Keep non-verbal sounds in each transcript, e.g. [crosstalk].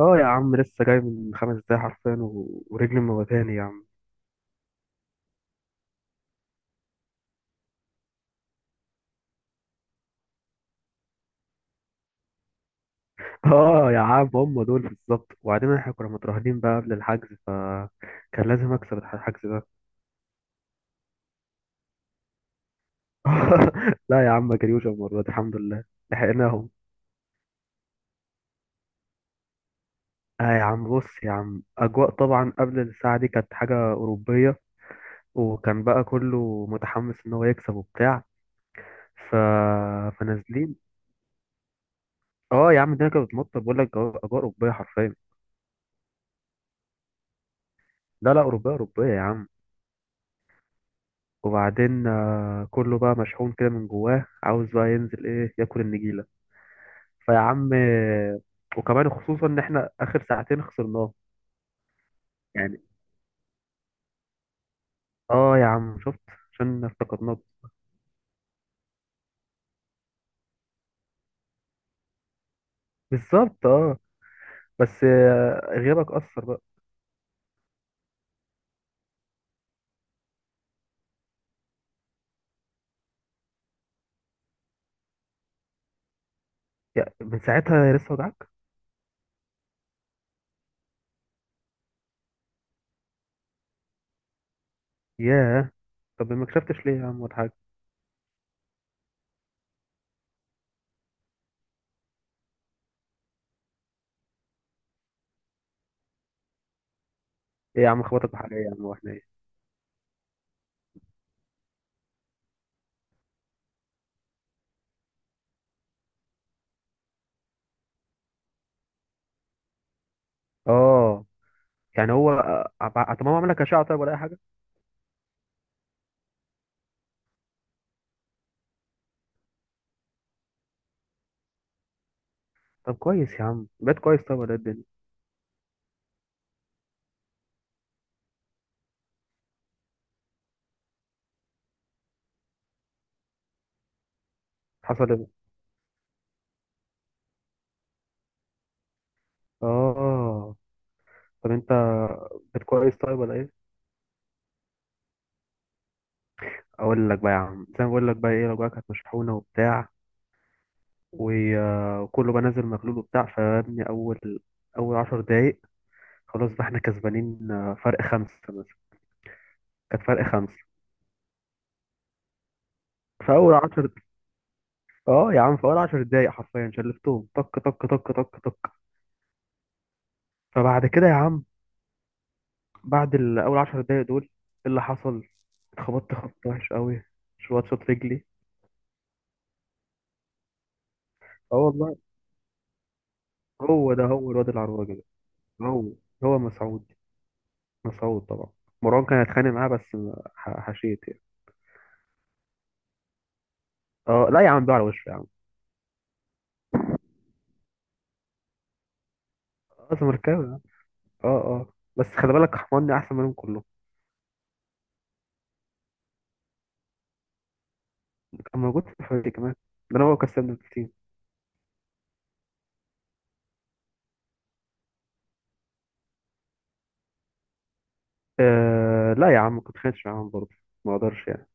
اه يا عم لسه جاي من خمس دقايق حرفيا ورجلي موتاني يا عم. [laughs] اه يا عم هم دول بالظبط، وبعدين احنا كنا مترهنين بقى قبل الحجز، فكان لازم اكسب الحجز ده. [laughs] لا يا عم ما جريوش المره دي الحمد لله. لحقناهم. اه يا عم بص يا عم، اجواء طبعا قبل الساعه دي كانت حاجه اوروبيه، وكان بقى كله متحمس ان هو يكسب وبتاع. ف... فنازلين. اه يا عم الدنيا كانت بتمطر، بقول لك اجواء اوروبيه حرفيا. لا لا اوروبيه اوروبيه يا عم. وبعدين كله بقى مشحون كده من جواه، عاوز بقى ينزل ايه ياكل النجيله. فيا عم. وكمان خصوصا ان احنا اخر ساعتين خسرناه. يعني. اه يا عم شفت، عشان افتقدناك. بالظبط اه. بس غيابك اثر بقى. يا من ساعتها لسه وجعك؟ ياه. طب ما كشفتش ليه يا عم ولا حاجه؟ ايه يا عم خبطك بحاجه؟ ايه يا عم واحنا ايه؟ اه. يعني هو طب هو عمل لك اشعه طيب ولا اي حاجه؟ طب كويس يا عم، بقيت كويس طيب ولا إيه الدنيا؟ حصل ايه؟ اه. طب انت. كانت كويس طيب ولا ايه؟ اقول لك بقى يا عم زي ما بقول لك بقى ايه، الأوجاع كانت مشحونه وبتاع، و- وكله بقى نازل مغلول وبتاع، فيا ابني اول 10 دقايق، خلاص بقى احنا كسبانين فرق خمسه مثلا. كانت فرق خمسه في اول 10. اه يا عم في اول 10 دقايق حرفيا شلفتهم طك طك طك طك طك. فبعد كده يا عم، بعد الاول 10 دقايق دول ايه اللي حصل؟ اتخبطت خبط وحش قوي. شوط شوط رجلي. اه والله. هو ده هو الواد العراجي ده. هو هو مسعود. مسعود طبعا. مروان كان هيتخانق معاه، بس حشيت يعني. اه لا يا عم بيقع على وشه يا عم. اه زمركاوي يا عم. اه اه بس خلي بالك حماني احسن منهم كلهم. كان موجود في الفريق كمان. ده انا هو كسبنا التيم. آه لا يا عم كنت خانش معاهم برضه، ما اقدرش يعني.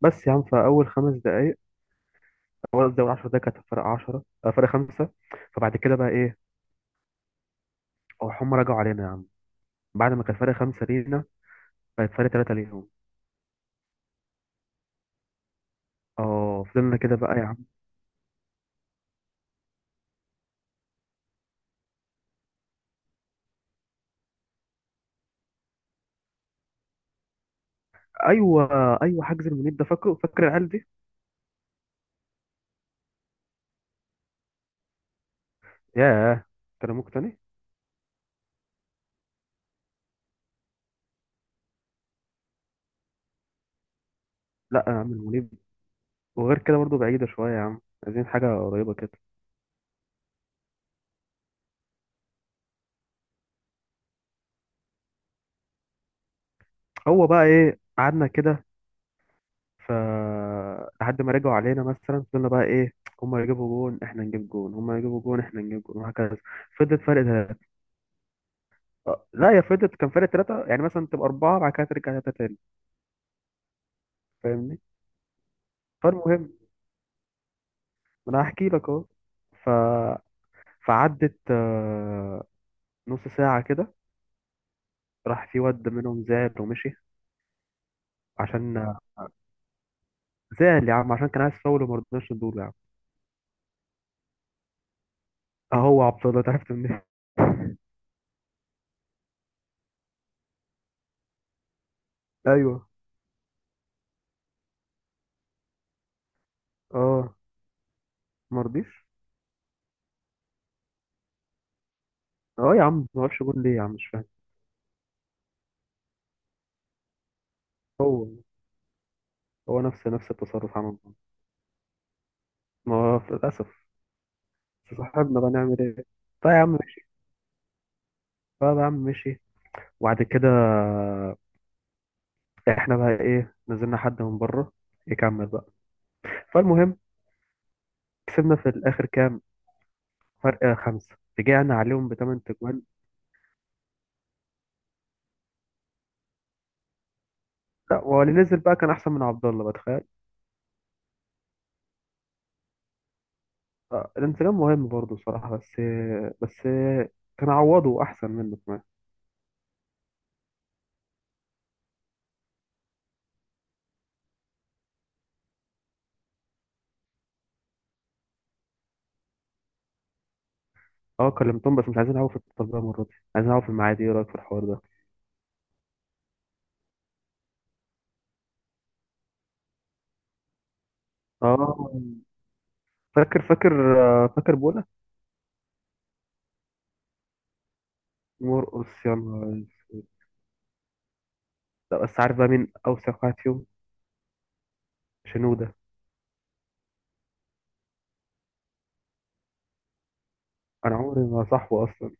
بس يا عم فاول خمس دقائق، اول قصدي اول 10 دقائق كانت فرق 10 فرق خمسه. فبعد كده بقى ايه، هم رجعوا علينا يا عم. بعد ما كان فرق خمسه لينا، بقت فرق ثلاثه ليهم. اه فضلنا كده بقى يا عم. ايوه. ايوه، حجز المنيب ده فاكره، فاكر العيال دي. ياه. ترموك تاني. لا يا عم المنيب. وغير كده برضو بعيدة شوية يا عم، عايزين حاجة قريبة كده. هو بقى ايه قعدنا كده. ف لحد ما رجعوا علينا مثلا، فضلنا بقى ايه، هما يجيبوا جون احنا نجيب جون، هما يجيبوا جون احنا نجيب جون وهكذا. فضلت فرق ثلاثة. لا يا فضلت، كان فرق ثلاثة يعني، مثلا تبقى أربعة بعد كده ترجع ثلاثة تاني. فاهمني. فالمهم. ما أنا هحكي لك أهو. ف فعدت نص ساعة كده. راح في واد منهم زعل ومشي. عشان. زعل يا عم عشان كان عايز فاول وما رضناش ندوله يا عم. اهو عبد الله، تعرفت منين؟ [laughs] ايوه. اه ما رضيش. اه يا عم ما وقفش جون ليه يا عم، مش فاهم. هو. هو نفس التصرف عمل معاه. ما هو للاسف. بس صاحبنا بقى نعمل ايه؟ طيب يا عم مشي. طيب يا عم مشي. وبعد كده احنا بقى ايه نزلنا حد من بره يكمل بقى. فالمهم كسبنا في الاخر كام، فرق خمسة رجعنا عليهم بثمان تجوان. لا واللي نزل بقى كان احسن من عبد الله بتخيل. الانسجام مهم برضه الصراحة، بس كان عوضه أحسن منه كمان. اه كلمتهم، بس مش عايزين نعوض في التربية المرة دي، عايزين نعوض في المعادي، ايه رأيك في الحوار ده؟ اه فاكر فاكر بولا. مرقص يا نهار أسود. لا بس عارف بقى مين أوسخ واحد فيهم؟ شنودة. أنا عمري ما صاحبه أصلا.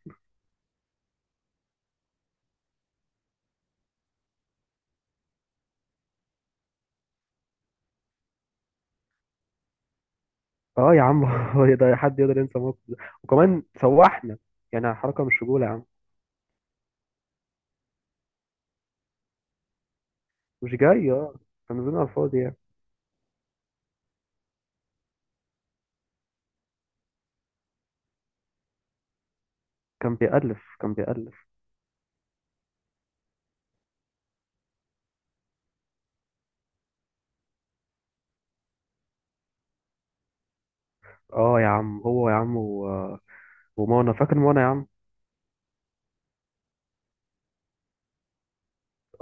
اه يا عم [laughs] هو ده حد يقدر ينسى الموقف ده؟ وكمان سوحنا، يعني حركة مش رجولة يا عم. مش جاي اه. كان نزلنا على الفاضي يعني. كان بيألف. اه يا عم هو يا عم. ومانا فاكر مانا يا عم.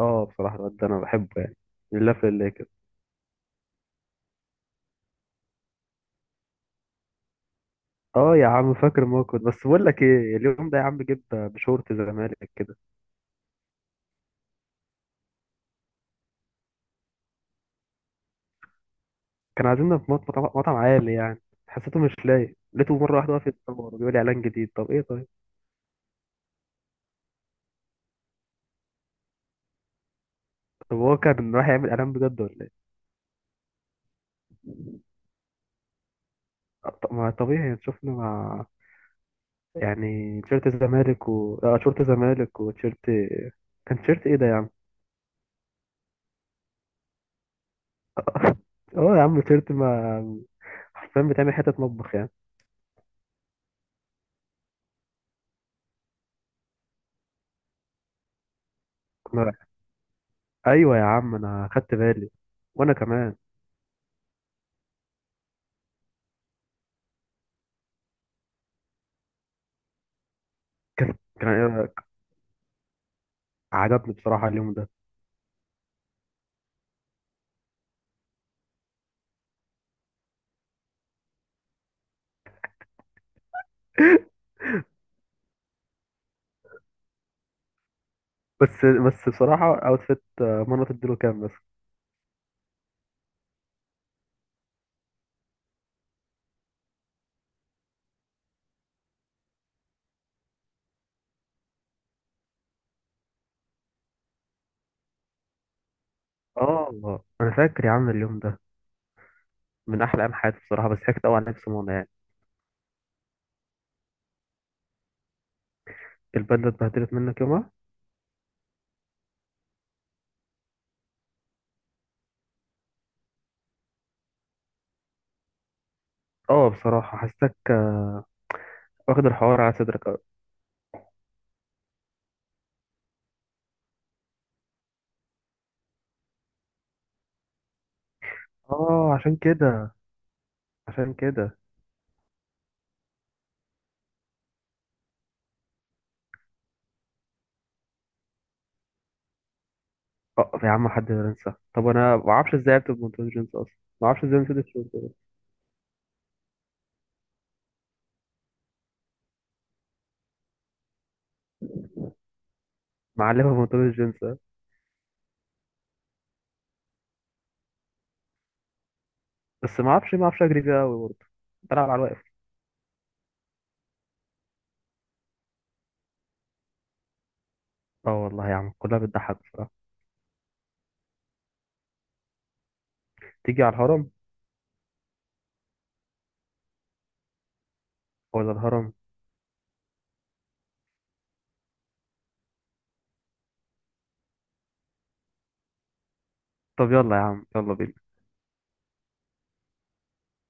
اه بصراحة الواد ده انا بحبه يعني، لله في الله كده. اه يا عم فاكر، ما كنت بس بقول لك ايه، اليوم ده يا عم جيب بشورت زمالك كده. كان عايزيننا في مطعم عالي يعني. حسيته مش لايق. لقيته مرة واحدة واقف يتصور بيقول لي اعلان جديد، طب ايه طيب. طب هو كان رايح يعمل اعلان بجد ولا ايه؟ طب ما طبيعي يعني. شفنا مع، يعني تيشيرت الزمالك و تيشيرت الزمالك وتيشيرت، كان تيشيرت ايه ده يا عم؟ [laughs] اه يا عم تيشيرت ما. حرفيا بتعمل حتة مطبخ يعني. ايوه يا عم انا خدت بالي، وانا كمان. كان كان عجبني بصراحه اليوم ده. [laughs] بس بصراحه اوتفيت منى تديله كام بس. اه انا فاكر يا عم اليوم ده من احلى ايام حياتي بصراحه، بس ضحكت قوي على نفسي منى يعني. البدله اتبهدلت منك يومها. اه بصراحه حسيتك واخد الحوار على صدرك أوي. اه عشان كده. اه يا عم حد ينسى؟ طب انا ما اعرفش ازاي عرفت بمنتوج جينز اصلا. ما اعرفش ازاي نسيت الشورت ده. معلمه بمنتوج جينز. بس ما اعرفش اجري فيها قوي برضه. بلعب على الواقف. اه والله يا عم كلها بتضحك بصراحه. تيجي على الهرم ولا الهرم؟ طب يلا يا عم يلا بينا.